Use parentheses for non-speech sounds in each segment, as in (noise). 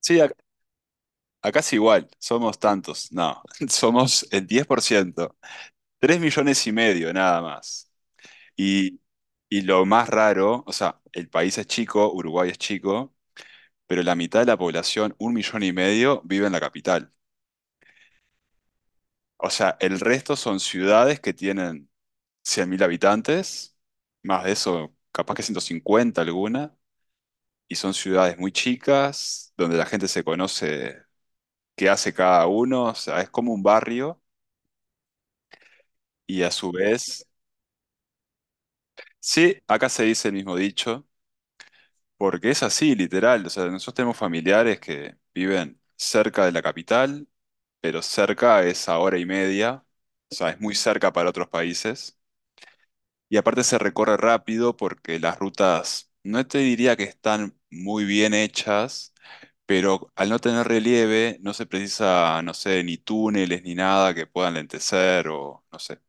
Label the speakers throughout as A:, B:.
A: Sí, acá es igual, somos tantos, no, (laughs) somos el 10%, 3,5 millones nada más. Y, y lo más raro, o sea, el país es chico, Uruguay es chico, pero la mitad de la población, 1,5 millones, vive en la capital. O sea, el resto son ciudades que tienen 100.000 habitantes, más de eso, capaz que 150 alguna, y son ciudades muy chicas, donde la gente se conoce qué hace cada uno, o sea, es como un barrio. Y a su vez, sí, acá se dice el mismo dicho, porque es así, literal. O sea, nosotros tenemos familiares que viven cerca de la capital, pero cerca es a 1,5 horas, o sea, es muy cerca para otros países. Y aparte se recorre rápido porque las rutas, no te diría que están muy bien hechas, pero al no tener relieve, no se precisa, no sé, ni túneles ni nada que puedan lentecer o, no sé,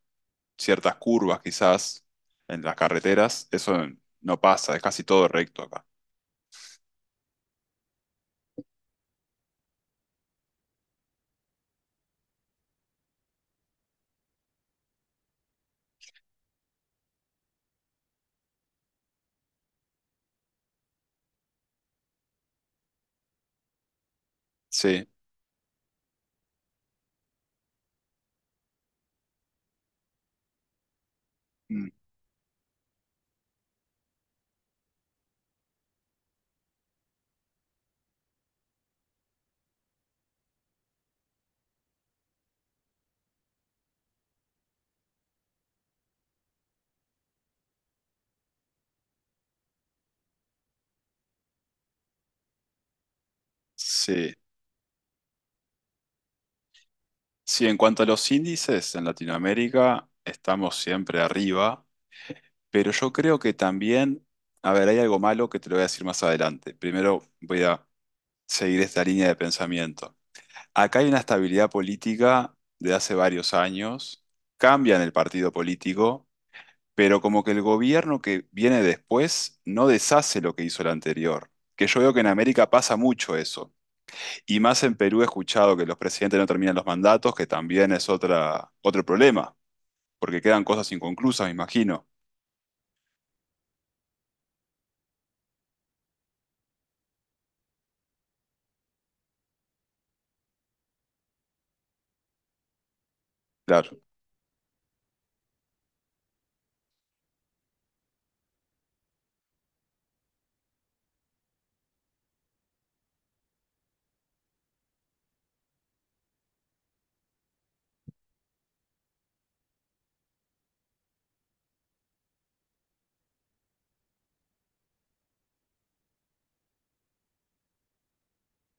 A: ciertas curvas quizás en las carreteras, eso no pasa, es casi todo recto acá. Sí. Mm. Sí, sí, en cuanto a los índices en Latinoamérica, estamos siempre arriba, pero yo creo que también, a ver, hay algo malo que te lo voy a decir más adelante. Primero voy a seguir esta línea de pensamiento. Acá hay una estabilidad política de hace varios años, cambian el partido político pero como que el gobierno que viene después no deshace lo que hizo el anterior. Que yo veo que en América pasa mucho eso. Y más en Perú he escuchado que los presidentes no terminan los mandatos, que también es otra, otro problema, porque quedan cosas inconclusas, me imagino. Claro.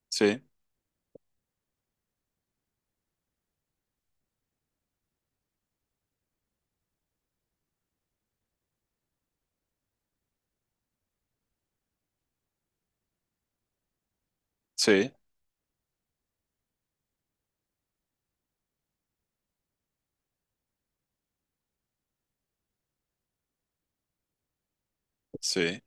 A: Sí, sí, sí.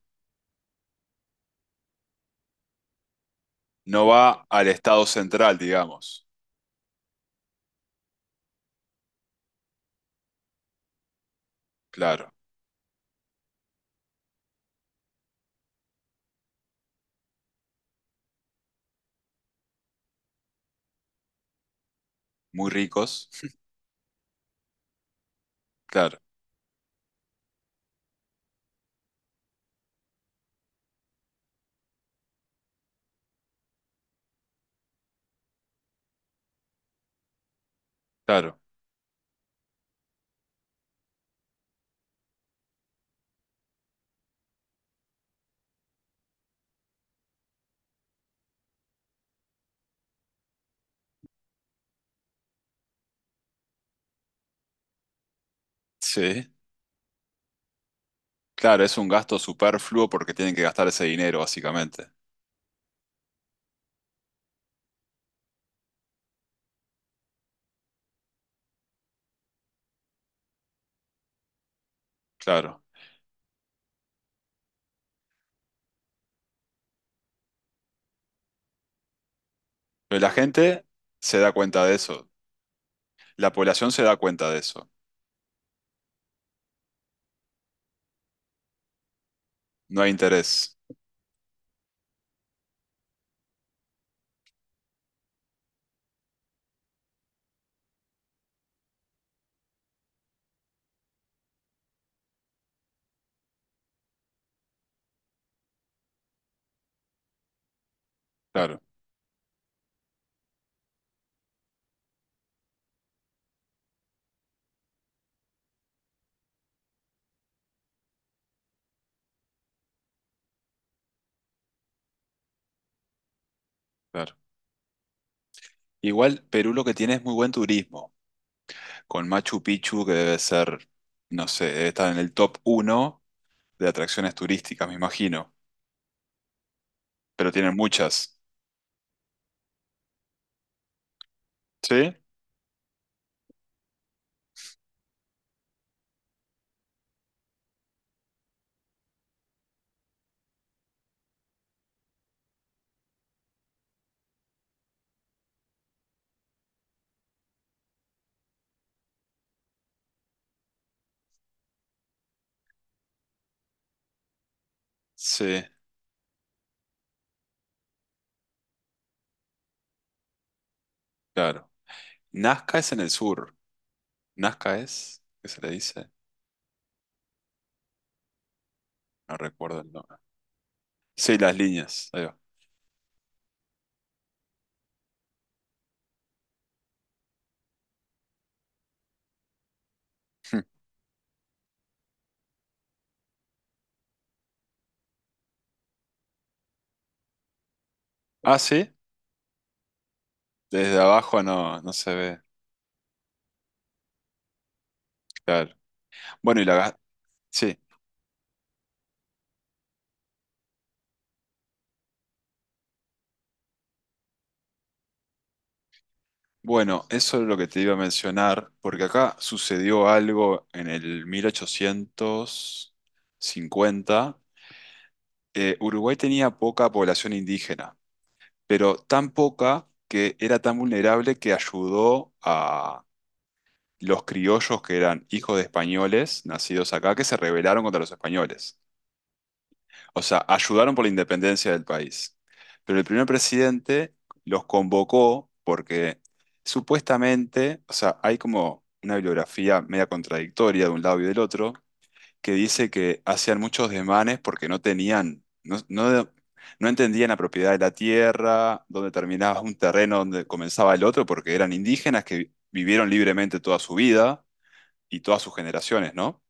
A: No va al Estado central, digamos. Claro. Muy ricos. Claro, claro. Sí. Claro, es un gasto superfluo porque tienen que gastar ese dinero, básicamente. Claro. Pero la gente se da cuenta de eso. La población se da cuenta de eso. No hay interés. Claro, claro. Igual Perú lo que tiene es muy buen turismo, con Machu Picchu que debe ser, no sé, debe estar en el top uno de atracciones turísticas, me imagino, pero tienen muchas. ¿Sí? Sí, claro. Nazca es en el sur. Nazca es, ¿qué se le dice? No recuerdo el nombre. Sí, las líneas. Ahí va. (laughs) Ah, sí. Desde abajo no, no se ve. Claro. Bueno, y la... sí. Bueno, eso es lo que te iba a mencionar, porque acá sucedió algo en el 1850. Uruguay tenía poca población indígena, pero tan poca que era tan vulnerable que ayudó a los criollos que eran hijos de españoles nacidos acá que se rebelaron contra los españoles. O sea, ayudaron por la independencia del país. Pero el primer presidente los convocó porque supuestamente, o sea, hay como una bibliografía media contradictoria de un lado y del otro, que dice que hacían muchos desmanes porque no tenían, no entendían la propiedad de la tierra, dónde terminaba un terreno, dónde comenzaba el otro, porque eran indígenas que vivieron libremente toda su vida y todas sus generaciones, ¿no?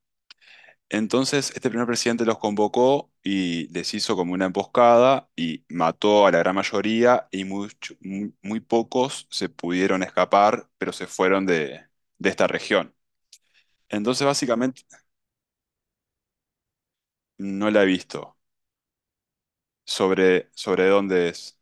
A: Entonces, este primer presidente los convocó y les hizo como una emboscada y mató a la gran mayoría y muy, muy pocos se pudieron escapar, pero se fueron de esta región. Entonces, básicamente, no la he visto. Sobre, sobre dónde es.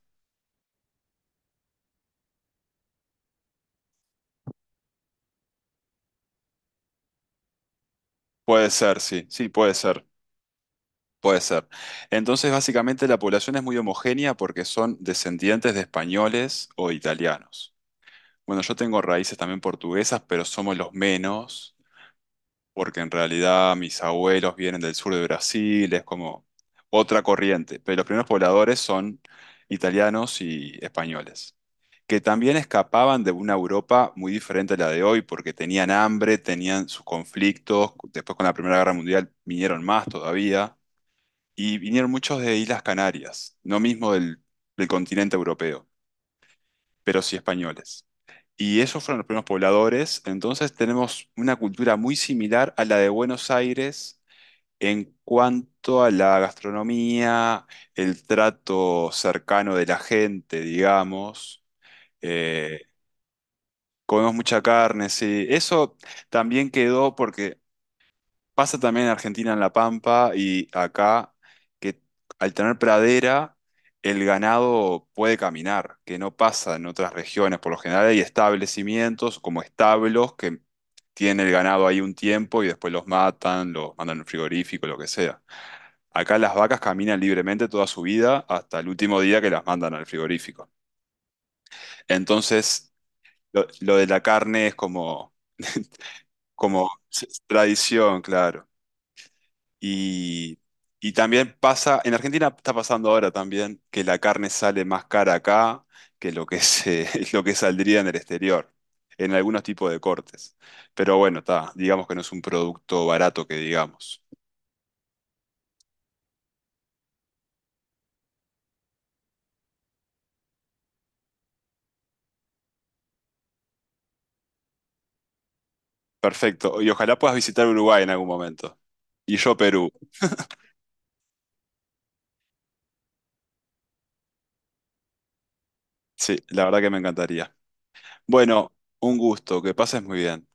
A: Puede ser, sí, sí, puede ser, puede ser. Entonces, básicamente, la población es muy homogénea porque son descendientes de españoles o italianos. Bueno, yo tengo raíces también portuguesas, pero somos los menos, porque en realidad mis abuelos vienen del sur de Brasil, es como otra corriente, pero los primeros pobladores son italianos y españoles, que también escapaban de una Europa muy diferente a la de hoy, porque tenían hambre, tenían sus conflictos, después con la Primera Guerra Mundial vinieron más todavía, y vinieron muchos de Islas Canarias, no mismo del, del continente europeo, pero sí españoles. Y esos fueron los primeros pobladores, entonces tenemos una cultura muy similar a la de Buenos Aires en cuanto a la gastronomía, el trato cercano de la gente, digamos, eh, comemos mucha carne, sí. Eso también quedó porque pasa también en Argentina, en La Pampa y acá, que al tener pradera, el ganado puede caminar, que no pasa en otras regiones. Por lo general hay establecimientos como establos que tienen el ganado ahí un tiempo y después los matan, los mandan al frigorífico, lo que sea. Acá las vacas caminan libremente toda su vida hasta el último día que las mandan al frigorífico. Entonces, lo de la carne es como, (laughs) como tradición, claro. Y, y también pasa, en Argentina está pasando ahora también que la carne sale más cara acá que lo que se, (laughs) lo que saldría en el exterior, en algunos tipos de cortes. Pero bueno, está, digamos que no es un producto barato que digamos. Perfecto, y ojalá puedas visitar Uruguay en algún momento. Y yo Perú, sí, la verdad que me encantaría. Bueno, un gusto, que pases muy bien.